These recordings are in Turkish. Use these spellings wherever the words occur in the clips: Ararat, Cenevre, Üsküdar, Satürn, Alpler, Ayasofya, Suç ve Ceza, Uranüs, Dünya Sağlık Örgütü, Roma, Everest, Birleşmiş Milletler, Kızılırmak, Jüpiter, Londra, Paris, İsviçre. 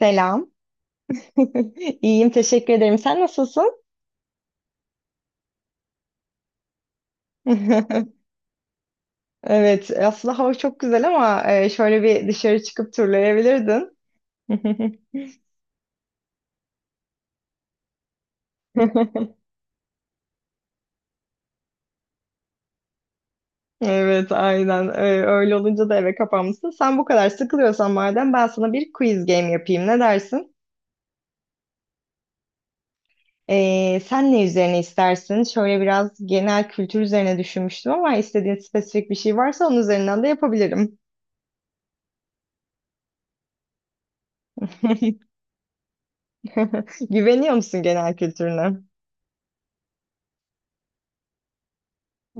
Selam. İyiyim, teşekkür ederim. Sen nasılsın? Evet, aslında hava çok güzel ama şöyle bir dışarı çıkıp turlayabilirdin. Evet, aynen. Öyle olunca da eve kapanmışsın. Sen bu kadar sıkılıyorsan madem ben sana bir quiz game yapayım. Ne dersin? Sen ne üzerine istersin? Şöyle biraz genel kültür üzerine düşünmüştüm ama istediğin spesifik bir şey varsa onun üzerinden de yapabilirim. Güveniyor musun genel kültürüne?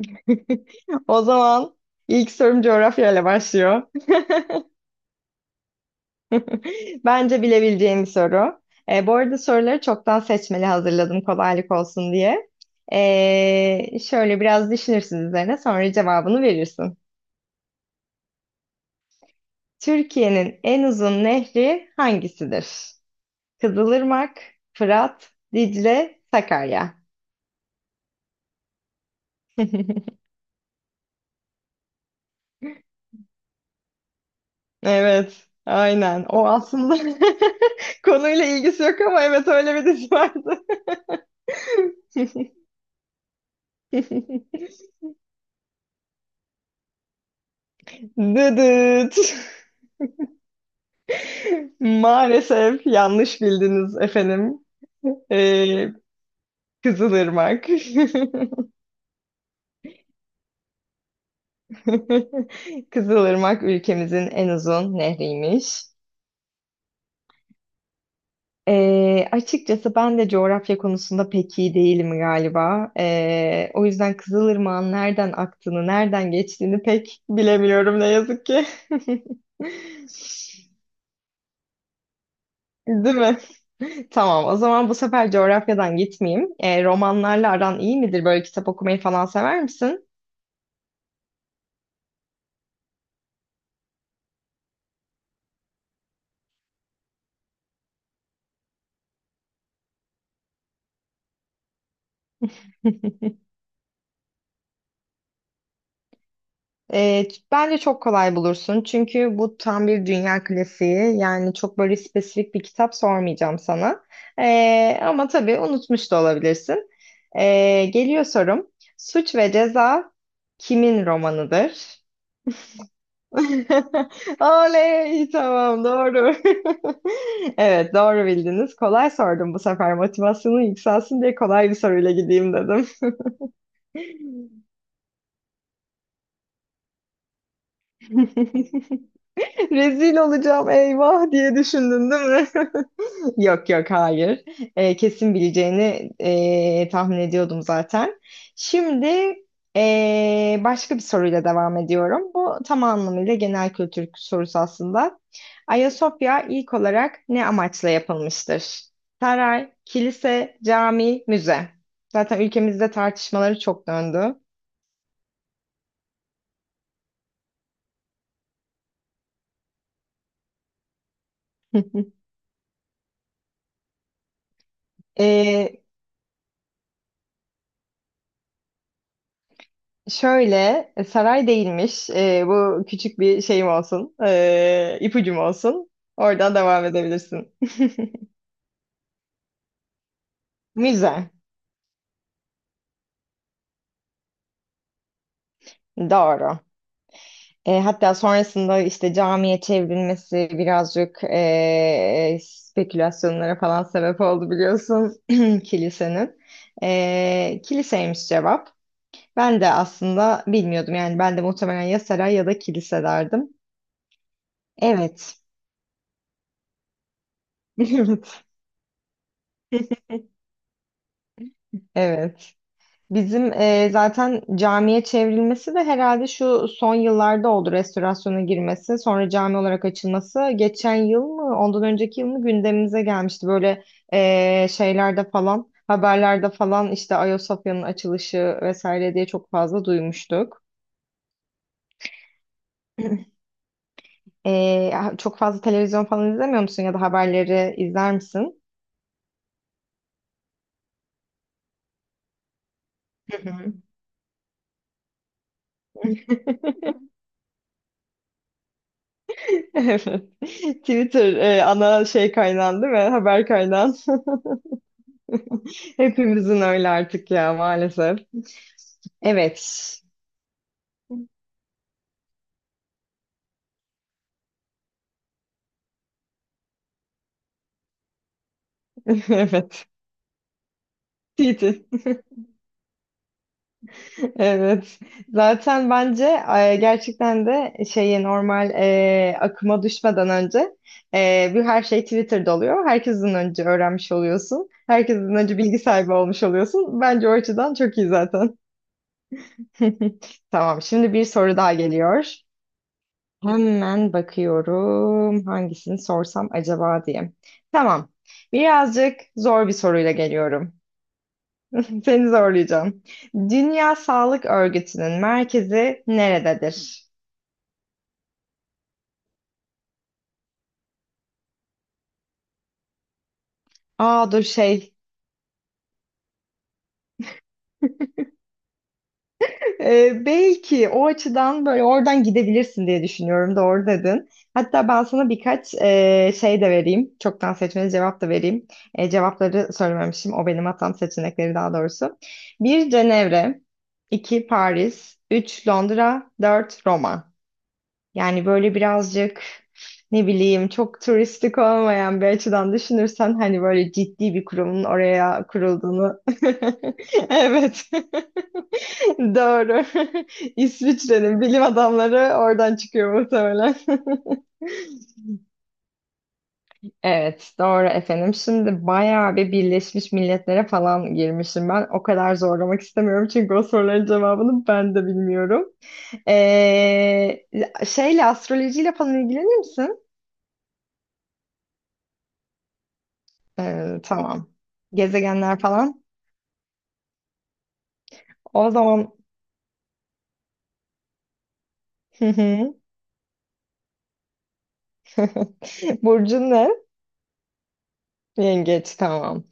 O zaman ilk sorum coğrafyayla başlıyor. Bence bilebileceğim bir soru. Bu arada soruları çoktan seçmeli hazırladım kolaylık olsun diye. Şöyle biraz düşünürsün üzerine sonra cevabını verirsin. Türkiye'nin en uzun nehri hangisidir? Kızılırmak, Fırat, Dicle, Sakarya. Evet, aynen. O aslında konuyla ilgisi yok ama evet öyle bir dizi vardı. Dıdıt. Maalesef yanlış bildiniz efendim. Ee, Kızılırmak. Kızılırmak ülkemizin en uzun nehriymiş. Açıkçası ben de coğrafya konusunda pek iyi değilim galiba. O yüzden Kızılırmak'ın nereden aktığını, nereden geçtiğini pek bilemiyorum ne yazık ki. Değil mi? Tamam, o zaman bu sefer coğrafyadan gitmeyeyim. Romanlarla aran iyi midir? Böyle kitap okumayı falan sever misin? Bence çok kolay bulursun. Çünkü bu tam bir dünya klasiği. Yani çok böyle spesifik bir kitap sormayacağım sana. Ama tabii unutmuş da olabilirsin. Geliyor sorum. Suç ve Ceza kimin romanıdır? Oley, tamam doğru. Evet doğru bildiniz. Kolay sordum bu sefer. Motivasyonu yükselsin diye kolay bir soruyla gideyim dedim. Rezil olacağım eyvah diye düşündün değil mi? Yok yok hayır. Kesin bileceğini tahmin ediyordum zaten. Şimdi başka bir soruyla devam ediyorum. Bu tam anlamıyla genel kültür sorusu aslında. Ayasofya ilk olarak ne amaçla yapılmıştır? Saray, kilise, cami, müze. Zaten ülkemizde tartışmaları çok döndü. Ee, Şöyle saray değilmiş. Bu küçük bir şeyim olsun. E, ipucum olsun. Oradan devam edebilirsin. Müze. Doğru. Hatta sonrasında işte camiye çevrilmesi birazcık spekülasyonlara falan sebep oldu biliyorsun kilisenin. Kiliseymiş cevap. Ben de aslında bilmiyordum yani ben de muhtemelen ya saray ya da kilise derdim. Evet. Evet. Bizim zaten camiye çevrilmesi de herhalde şu son yıllarda oldu restorasyona girmesi, sonra cami olarak açılması. Geçen yıl mı, ondan önceki yıl mı gündemimize gelmişti. Böyle şeylerde falan, haberlerde falan işte Ayasofya'nın açılışı vesaire diye çok fazla duymuştuk. E, çok fazla televizyon falan izlemiyor musun ya da haberleri izler misin? Hı hı. Evet. Twitter ana şey kaynağın değil mi? Haber kaynağın. Hepimizin öyle artık ya maalesef. Evet. Evet. Titi. Evet. Zaten bence gerçekten de şeye normal akıma düşmeden önce bir her şey Twitter'da oluyor. Herkesten önce öğrenmiş oluyorsun. Herkesten önce bilgi sahibi olmuş oluyorsun. Bence o açıdan çok iyi zaten. Tamam, şimdi bir soru daha geliyor. Hemen bakıyorum hangisini sorsam acaba diye. Tamam. Birazcık zor bir soruyla geliyorum. Seni zorlayacağım. Dünya Sağlık Örgütü'nün merkezi nerededir? Aa dur şey. Belki o açıdan böyle oradan gidebilirsin diye düşünüyorum. Doğru dedin. Hatta ben sana birkaç şey de vereyim. Çoktan seçmeli cevap da vereyim. Cevapları söylememişim. O benim hatam seçenekleri daha doğrusu. Bir Cenevre. 2 Paris, 3 Londra, 4 Roma. Yani böyle birazcık ne bileyim çok turistik olmayan bir açıdan düşünürsen hani böyle ciddi bir kurumun oraya kurulduğunu. Evet. Doğru. İsviçre'nin bilim adamları oradan çıkıyor muhtemelen. Evet, doğru efendim. Şimdi bayağı bir Birleşmiş Milletler'e falan girmişim ben. O kadar zorlamak istemiyorum çünkü o soruların cevabını ben de bilmiyorum. Ee, Şeyle astrolojiyle falan ilgilenir misin? Tamam. Gezegenler falan. O zaman. Hı hı. Burcun ne? Yengeç tamam.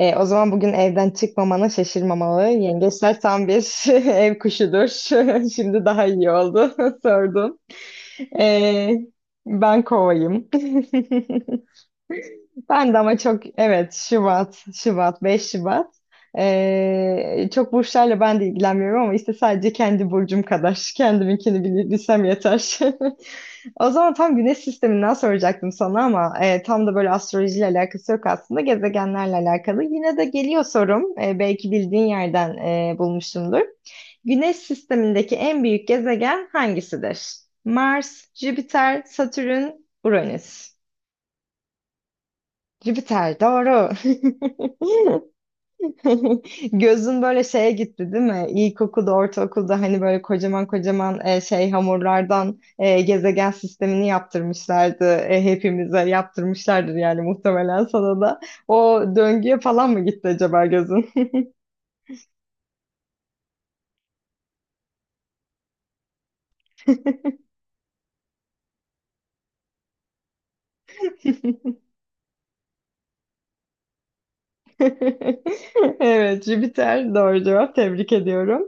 O zaman bugün evden çıkmamana şaşırmamalı. Yengeçler tam bir ev kuşudur. Şimdi daha iyi oldu sordun. Ee, Ben kovayım. Ben de ama çok evet Şubat, Şubat, 5 Şubat. Çok burçlarla ben de ilgilenmiyorum ama işte sadece kendi burcum kadar. Kendiminkini bilsem yeter. O zaman tam güneş sisteminden soracaktım sana ama tam da böyle astrolojiyle alakası yok aslında. Gezegenlerle alakalı. Yine de geliyor sorum. Belki bildiğin yerden bulmuşumdur. Güneş sistemindeki en büyük gezegen hangisidir? Mars, Jüpiter, Satürn, Uranüs. Jüpiter doğru. Gözün böyle şeye gitti değil mi? İlkokulda, ortaokulda hani böyle kocaman kocaman şey hamurlardan gezegen sistemini yaptırmışlardı. Hepimize yaptırmışlardır yani muhtemelen sana da. O döngüye falan mı gitti acaba gözün? Evet, Jüpiter doğru cevap. Tebrik ediyorum.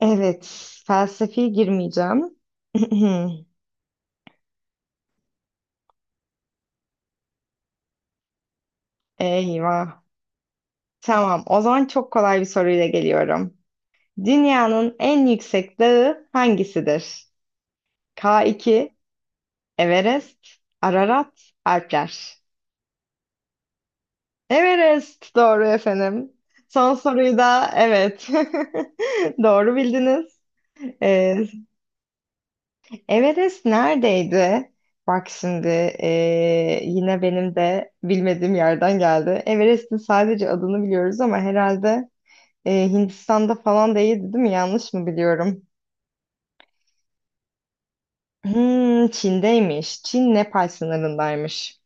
Evet, felsefi girmeyeceğim. Eyvah. Tamam, o zaman çok kolay bir soruyla geliyorum. Dünyanın en yüksek dağı hangisidir? K2, Everest, Ararat, Alpler. Everest doğru efendim. Son soruyu da evet. Doğru bildiniz. Ee, Everest neredeydi? Bak şimdi yine benim de bilmediğim yerden geldi. Everest'in sadece adını biliyoruz ama herhalde Hindistan'da falan değildi, değil mi? Yanlış mı biliyorum? Hmm, Çin'deymiş. Çin Nepal sınırındaymış.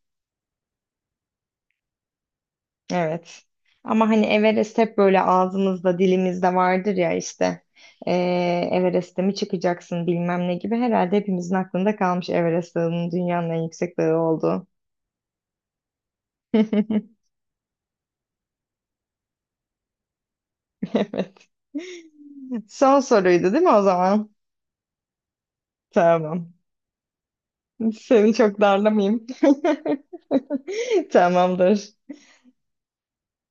Evet. Ama hani Everest hep böyle ağzımızda dilimizde vardır ya işte. Ee, Everest'e mi çıkacaksın bilmem ne gibi. Herhalde hepimizin aklında kalmış Everest Dağı'nın dünyanın en yüksek dağı olduğu. Evet. Son soruydu değil mi o zaman? Tamam. Seni çok darlamayayım. Tamamdır.